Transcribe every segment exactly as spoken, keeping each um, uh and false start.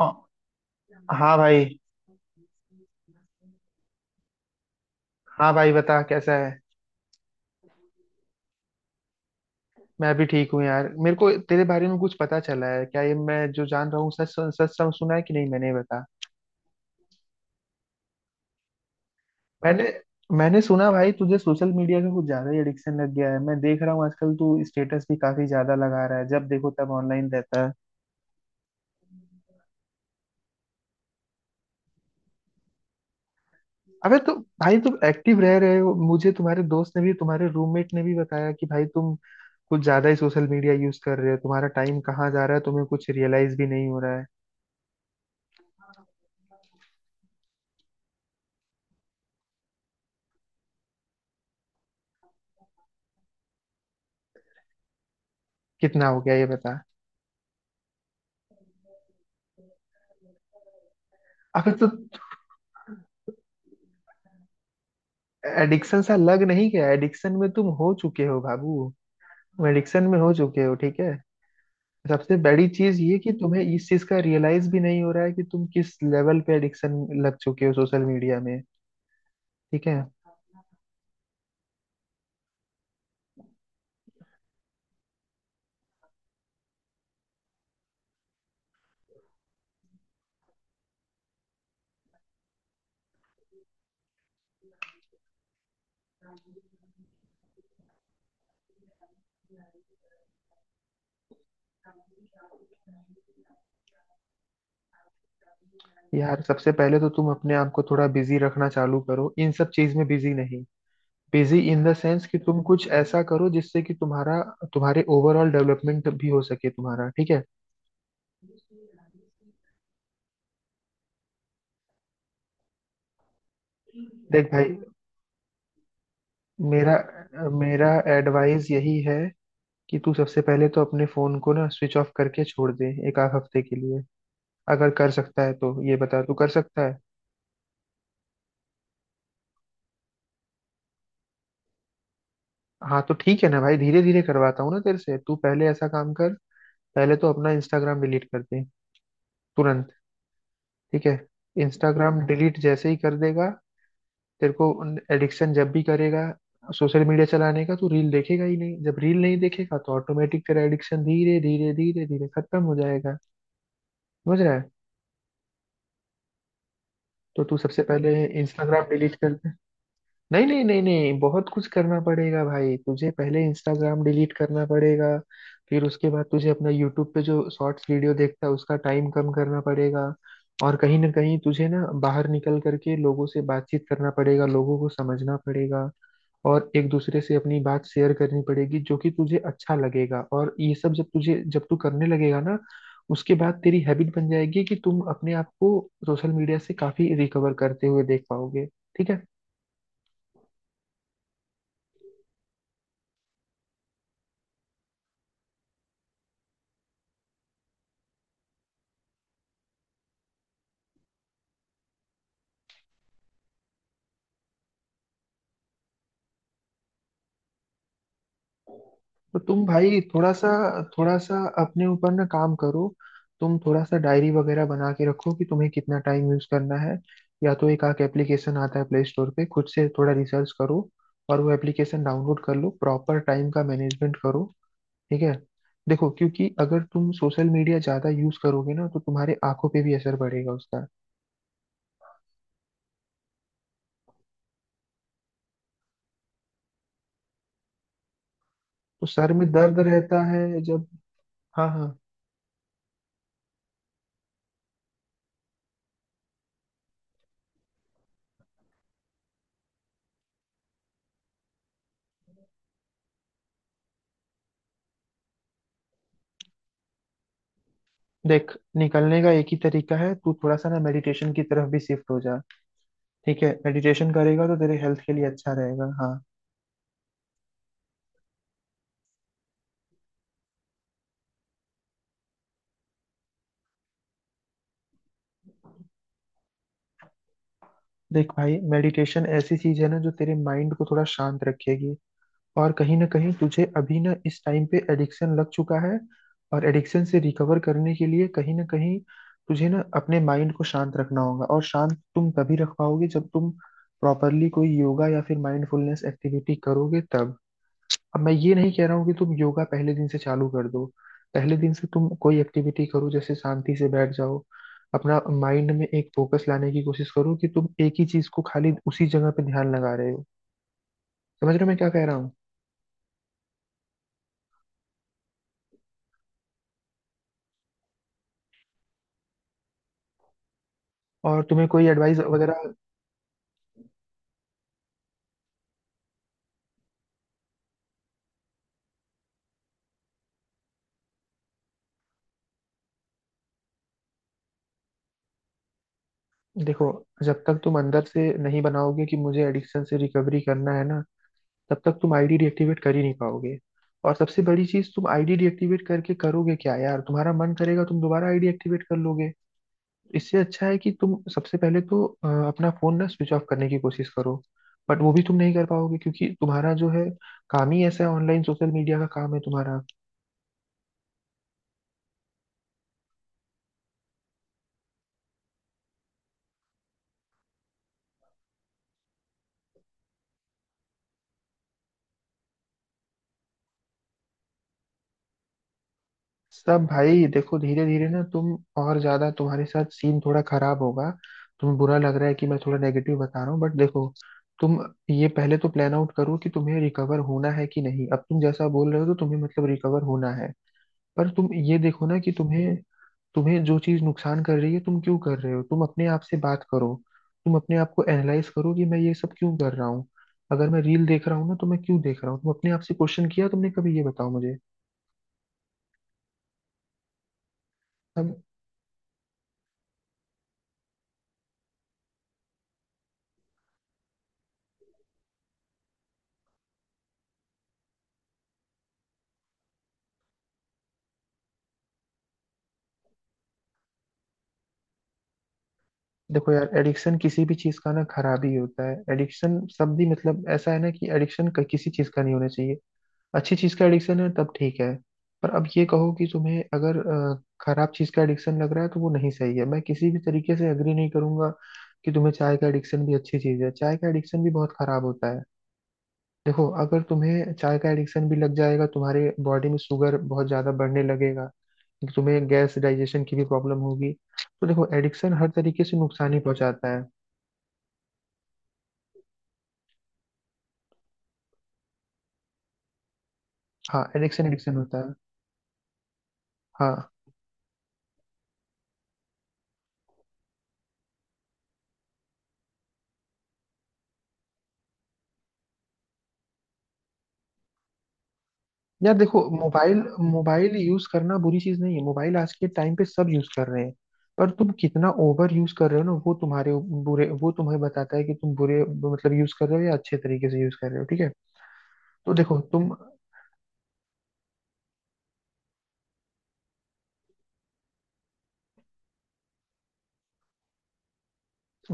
हाँ हाँ भाई। हाँ भाई बता कैसा है? मैं भी ठीक हूँ यार। मेरे को तेरे बारे में कुछ पता चला है क्या? ये मैं जो जान रहा हूँ सच सच सब सुना है कि नहीं मैंने बता। मैंने मैंने सुना भाई तुझे सोशल मीडिया का कुछ ज्यादा ही एडिक्शन लग गया है। मैं देख रहा हूँ आजकल तू स्टेटस भी काफी ज्यादा लगा रहा है, जब देखो तब ऑनलाइन रहता है। अबे तो भाई, तुम एक्टिव रह रहे हो। मुझे तुम्हारे दोस्त ने भी, तुम्हारे रूममेट ने भी बताया कि भाई तुम कुछ ज्यादा ही सोशल मीडिया यूज कर रहे हो। तुम्हारा टाइम कहाँ जा रहा है, तुम्हें कुछ रियलाइज भी नहीं हो रहा है। कितना हो गया ये बता। अबे तो एडिक्शन सा लग नहीं गया, एडिक्शन में तुम हो चुके हो बाबू। एडिक्शन में हो चुके हो। ठीक है। सबसे बड़ी चीज ये कि तुम्हें इस चीज का रियलाइज भी नहीं हो रहा है कि तुम किस लेवल पे एडिक्शन लग चुके हो सोशल मीडिया में। ठीक है। यार सबसे पहले तो तुम अपने आप को थोड़ा बिजी रखना चालू करो। इन सब चीज में बिजी नहीं, बिजी इन द सेंस कि तुम कुछ ऐसा करो जिससे कि तुम्हारा तुम्हारे ओवरऑल डेवलपमेंट भी हो सके तुम्हारा। ठीक है। देख भाई, मेरा मेरा एडवाइस यही है कि तू सबसे पहले तो अपने फोन को ना स्विच ऑफ करके छोड़ दे एक आध हफ्ते के लिए। अगर कर सकता है तो ये बता, तू कर सकता है? हाँ तो ठीक है ना भाई, धीरे धीरे करवाता हूँ ना तेरे से। तू पहले ऐसा काम कर, पहले तो अपना इंस्टाग्राम डिलीट कर दे। तुरंत। ठीक है। इंस्टाग्राम डिलीट जैसे ही कर देगा, तेरे को एडिक्शन जब भी करेगा सोशल मीडिया चलाने का, तू रील देखेगा ही नहीं। जब रील नहीं देखेगा तो ऑटोमेटिक तेरा एडिक्शन धीरे धीरे धीरे धीरे खत्म हो जाएगा। समझ रहा है? तो तू सबसे पहले इंस्टाग्राम डिलीट कर दे। नहीं नहीं नहीं नहीं, बहुत कुछ करना पड़ेगा भाई तुझे। पहले इंस्टाग्राम डिलीट करना पड़ेगा। फिर उसके बाद तुझे अपना यूट्यूब पे जो शॉर्ट्स वीडियो देखता है उसका टाइम कम करना पड़ेगा। और कहीं ना कहीं तुझे ना बाहर निकल करके लोगों से बातचीत करना पड़ेगा, लोगों को समझना पड़ेगा। और एक दूसरे से अपनी बात शेयर करनी पड़ेगी जो कि तुझे अच्छा लगेगा। और ये सब जब तुझे जब तू करने लगेगा ना, उसके बाद तेरी हैबिट बन जाएगी कि तुम अपने आप को सोशल मीडिया से काफी रिकवर करते हुए देख पाओगे। ठीक है। तो तुम भाई थोड़ा सा, थोड़ा सा अपने ऊपर ना काम करो। तुम थोड़ा सा डायरी वगैरह बना के रखो कि तुम्हें कितना टाइम यूज करना है। या तो एक आक एप्लीकेशन आता है प्ले स्टोर पे, खुद से थोड़ा रिसर्च करो और वो एप्लीकेशन डाउनलोड कर लो। प्रॉपर टाइम का मैनेजमेंट करो। ठीक है। देखो क्योंकि अगर तुम सोशल मीडिया ज्यादा यूज करोगे ना तो तुम्हारे आंखों पे भी असर पड़ेगा उसका। तो सर में दर्द रहता है जब। हाँ हाँ। देख निकलने का एक ही तरीका है, तू थोड़ा सा ना मेडिटेशन की तरफ भी शिफ्ट हो जा। ठीक है। मेडिटेशन करेगा तो तेरे हेल्थ के लिए अच्छा रहेगा। हाँ। देख भाई मेडिटेशन ऐसी चीज है ना जो तेरे माइंड को थोड़ा शांत रखेगी। और कहीं ना कहीं तुझे अभी ना इस टाइम पे एडिक्शन लग चुका है। और एडिक्शन से रिकवर करने के लिए कहीं ना कहीं तुझे ना अपने माइंड को शांत रखना होगा। और शांत तुम तभी रख पाओगे जब तुम प्रॉपरली कोई योगा या फिर माइंडफुलनेस एक्टिविटी करोगे तब। अब मैं ये नहीं कह रहा हूँ कि तुम योगा पहले दिन से चालू कर दो। पहले दिन से तुम कोई एक्टिविटी करो, जैसे शांति से बैठ जाओ। अपना माइंड में एक फोकस लाने की कोशिश करो कि तुम एक ही चीज को खाली उसी जगह पे ध्यान लगा रहे हो। समझ रहे हो मैं क्या कह रहा हूँ? और तुम्हें कोई एडवाइस वगैरह। देखो, जब तक तुम अंदर से नहीं बनाओगे कि मुझे एडिक्शन से रिकवरी करना है ना, तब तक तुम आईडी डिएक्टिवेट कर ही नहीं पाओगे। और सबसे बड़ी चीज, तुम आईडी डिएक्टिवेट करके करोगे क्या यार? तुम्हारा मन करेगा तुम दोबारा आईडी एक्टिवेट कर लोगे। इससे अच्छा है कि तुम सबसे पहले तो अ, अपना फोन ना स्विच ऑफ करने की कोशिश करो। बट वो भी तुम नहीं कर पाओगे क्योंकि तुम्हारा जो है काम ही ऐसा है, ऑनलाइन सोशल मीडिया का काम है तुम्हारा। सब भाई देखो, धीरे धीरे ना तुम और ज्यादा, तुम्हारे साथ सीन थोड़ा खराब होगा। तुम्हें बुरा लग रहा है कि मैं थोड़ा नेगेटिव बता रहा हूँ बट देखो, तुम ये पहले तो प्लान आउट करो कि तुम्हें रिकवर होना है कि नहीं। अब तुम जैसा बोल रहे हो तो तुम्हें मतलब रिकवर होना है। पर तुम ये देखो ना कि तुम्हें तुम्हें जो चीज नुकसान कर रही है तुम क्यों कर रहे हो। तुम अपने आप से बात करो, तुम अपने आप को एनालाइज करो कि मैं ये सब क्यों कर रहा हूँ। अगर मैं रील देख रहा हूँ ना तो मैं क्यों देख रहा हूँ? तुम अपने आप से क्वेश्चन किया तुमने कभी? ये बताओ मुझे। अब देखो यार, एडिक्शन किसी भी चीज का ना खराबी होता है। एडिक्शन शब्द ही मतलब ऐसा है ना, कि एडिक्शन किसी चीज का नहीं होना चाहिए। अच्छी चीज का एडिक्शन है तब ठीक है। पर अब ये कहो कि तुम्हें अगर अ, खराब चीज का एडिक्शन लग रहा है तो वो नहीं सही है। मैं किसी भी तरीके से एग्री नहीं करूंगा कि तुम्हें चाय का एडिक्शन भी अच्छी चीज है। चाय का एडिक्शन भी बहुत खराब होता है। देखो, अगर तुम्हें चाय का एडिक्शन भी लग जाएगा, तुम्हारे बॉडी में शुगर बहुत ज्यादा बढ़ने लगेगा। तो तुम्हें गैस डाइजेशन की भी प्रॉब्लम होगी। तो देखो एडिक्शन हर तरीके से नुकसान ही पहुंचाता है। हाँ एडिक्शन एडिक्शन होता है। हाँ। यार देखो मोबाइल, मोबाइल यूज करना बुरी चीज नहीं है। मोबाइल आज के टाइम पे सब यूज कर रहे हैं। पर तुम कितना ओवर यूज कर रहे हो ना, वो तुम्हारे उ- बुरे, वो तुम्हें बताता है कि तुम बुरे मतलब यूज कर रहे हो या अच्छे तरीके से यूज कर रहे हो। ठीक है। तो देखो तुम।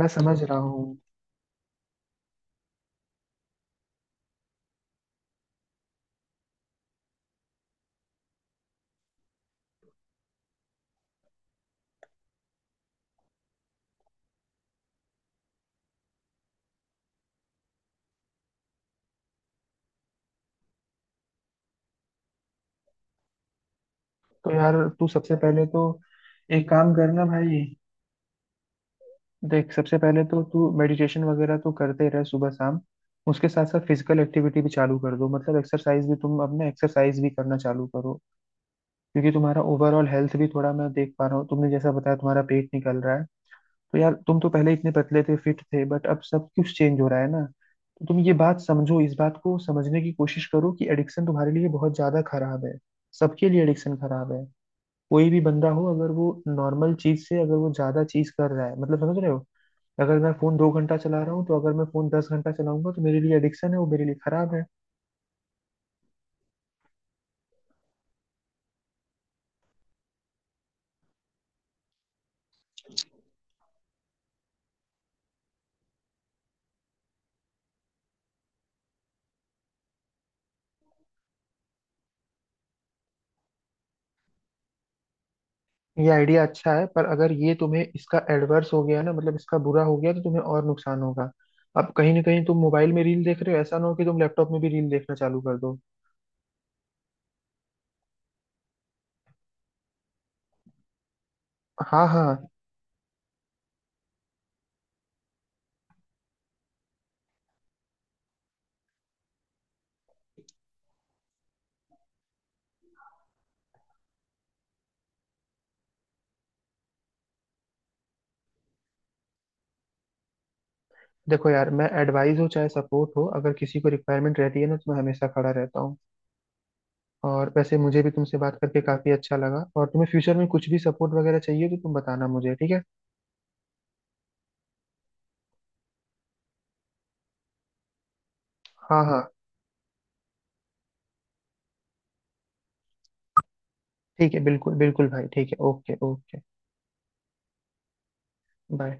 मैं समझ रहा हूँ। तो यार तू सबसे पहले तो एक काम करना भाई। देख सबसे पहले तो तू मेडिटेशन वगैरह तो करते रहे सुबह शाम। उसके साथ साथ फिजिकल एक्टिविटी भी चालू कर दो, मतलब एक्सरसाइज भी, तुम अपने एक्सरसाइज भी करना चालू करो। क्योंकि तुम्हारा ओवरऑल हेल्थ भी थोड़ा मैं देख पा रहा हूँ, तुमने जैसा बताया तुम्हारा पेट निकल रहा है। तो यार तुम तो पहले इतने पतले थे, फिट थे, बट अब सब कुछ चेंज हो रहा है ना। तो तुम ये बात समझो, इस बात को समझने की कोशिश करो कि एडिक्शन तुम्हारे लिए बहुत ज्यादा खराब है। सबके लिए एडिक्शन खराब है। कोई भी बंदा हो, अगर वो नॉर्मल चीज से अगर वो ज्यादा चीज कर रहा है, मतलब समझ रहे हो? अगर मैं फोन दो घंटा चला रहा हूँ, तो अगर मैं फोन दस घंटा चलाऊंगा तो मेरे लिए एडिक्शन है, वो मेरे लिए खराब है। ये आइडिया अच्छा है पर अगर ये तुम्हें इसका एडवर्स हो गया ना, मतलब इसका बुरा हो गया, तो तुम्हें और नुकसान होगा। अब कहीं ना कहीं तुम मोबाइल में रील देख रहे हो, ऐसा ना हो कि तुम लैपटॉप में भी रील देखना चालू कर दो। हाँ हाँ। देखो यार, मैं एडवाइस हो चाहे सपोर्ट हो, अगर किसी को रिक्वायरमेंट रहती है ना तो मैं हमेशा खड़ा रहता हूँ। और वैसे मुझे भी तुमसे बात करके काफी अच्छा लगा। और तुम्हें फ्यूचर में कुछ भी सपोर्ट वगैरह चाहिए तो तुम बताना मुझे। ठीक है। हाँ हाँ ठीक है, बिल्कुल बिल्कुल भाई। ठीक है। Okay, okay. बाय।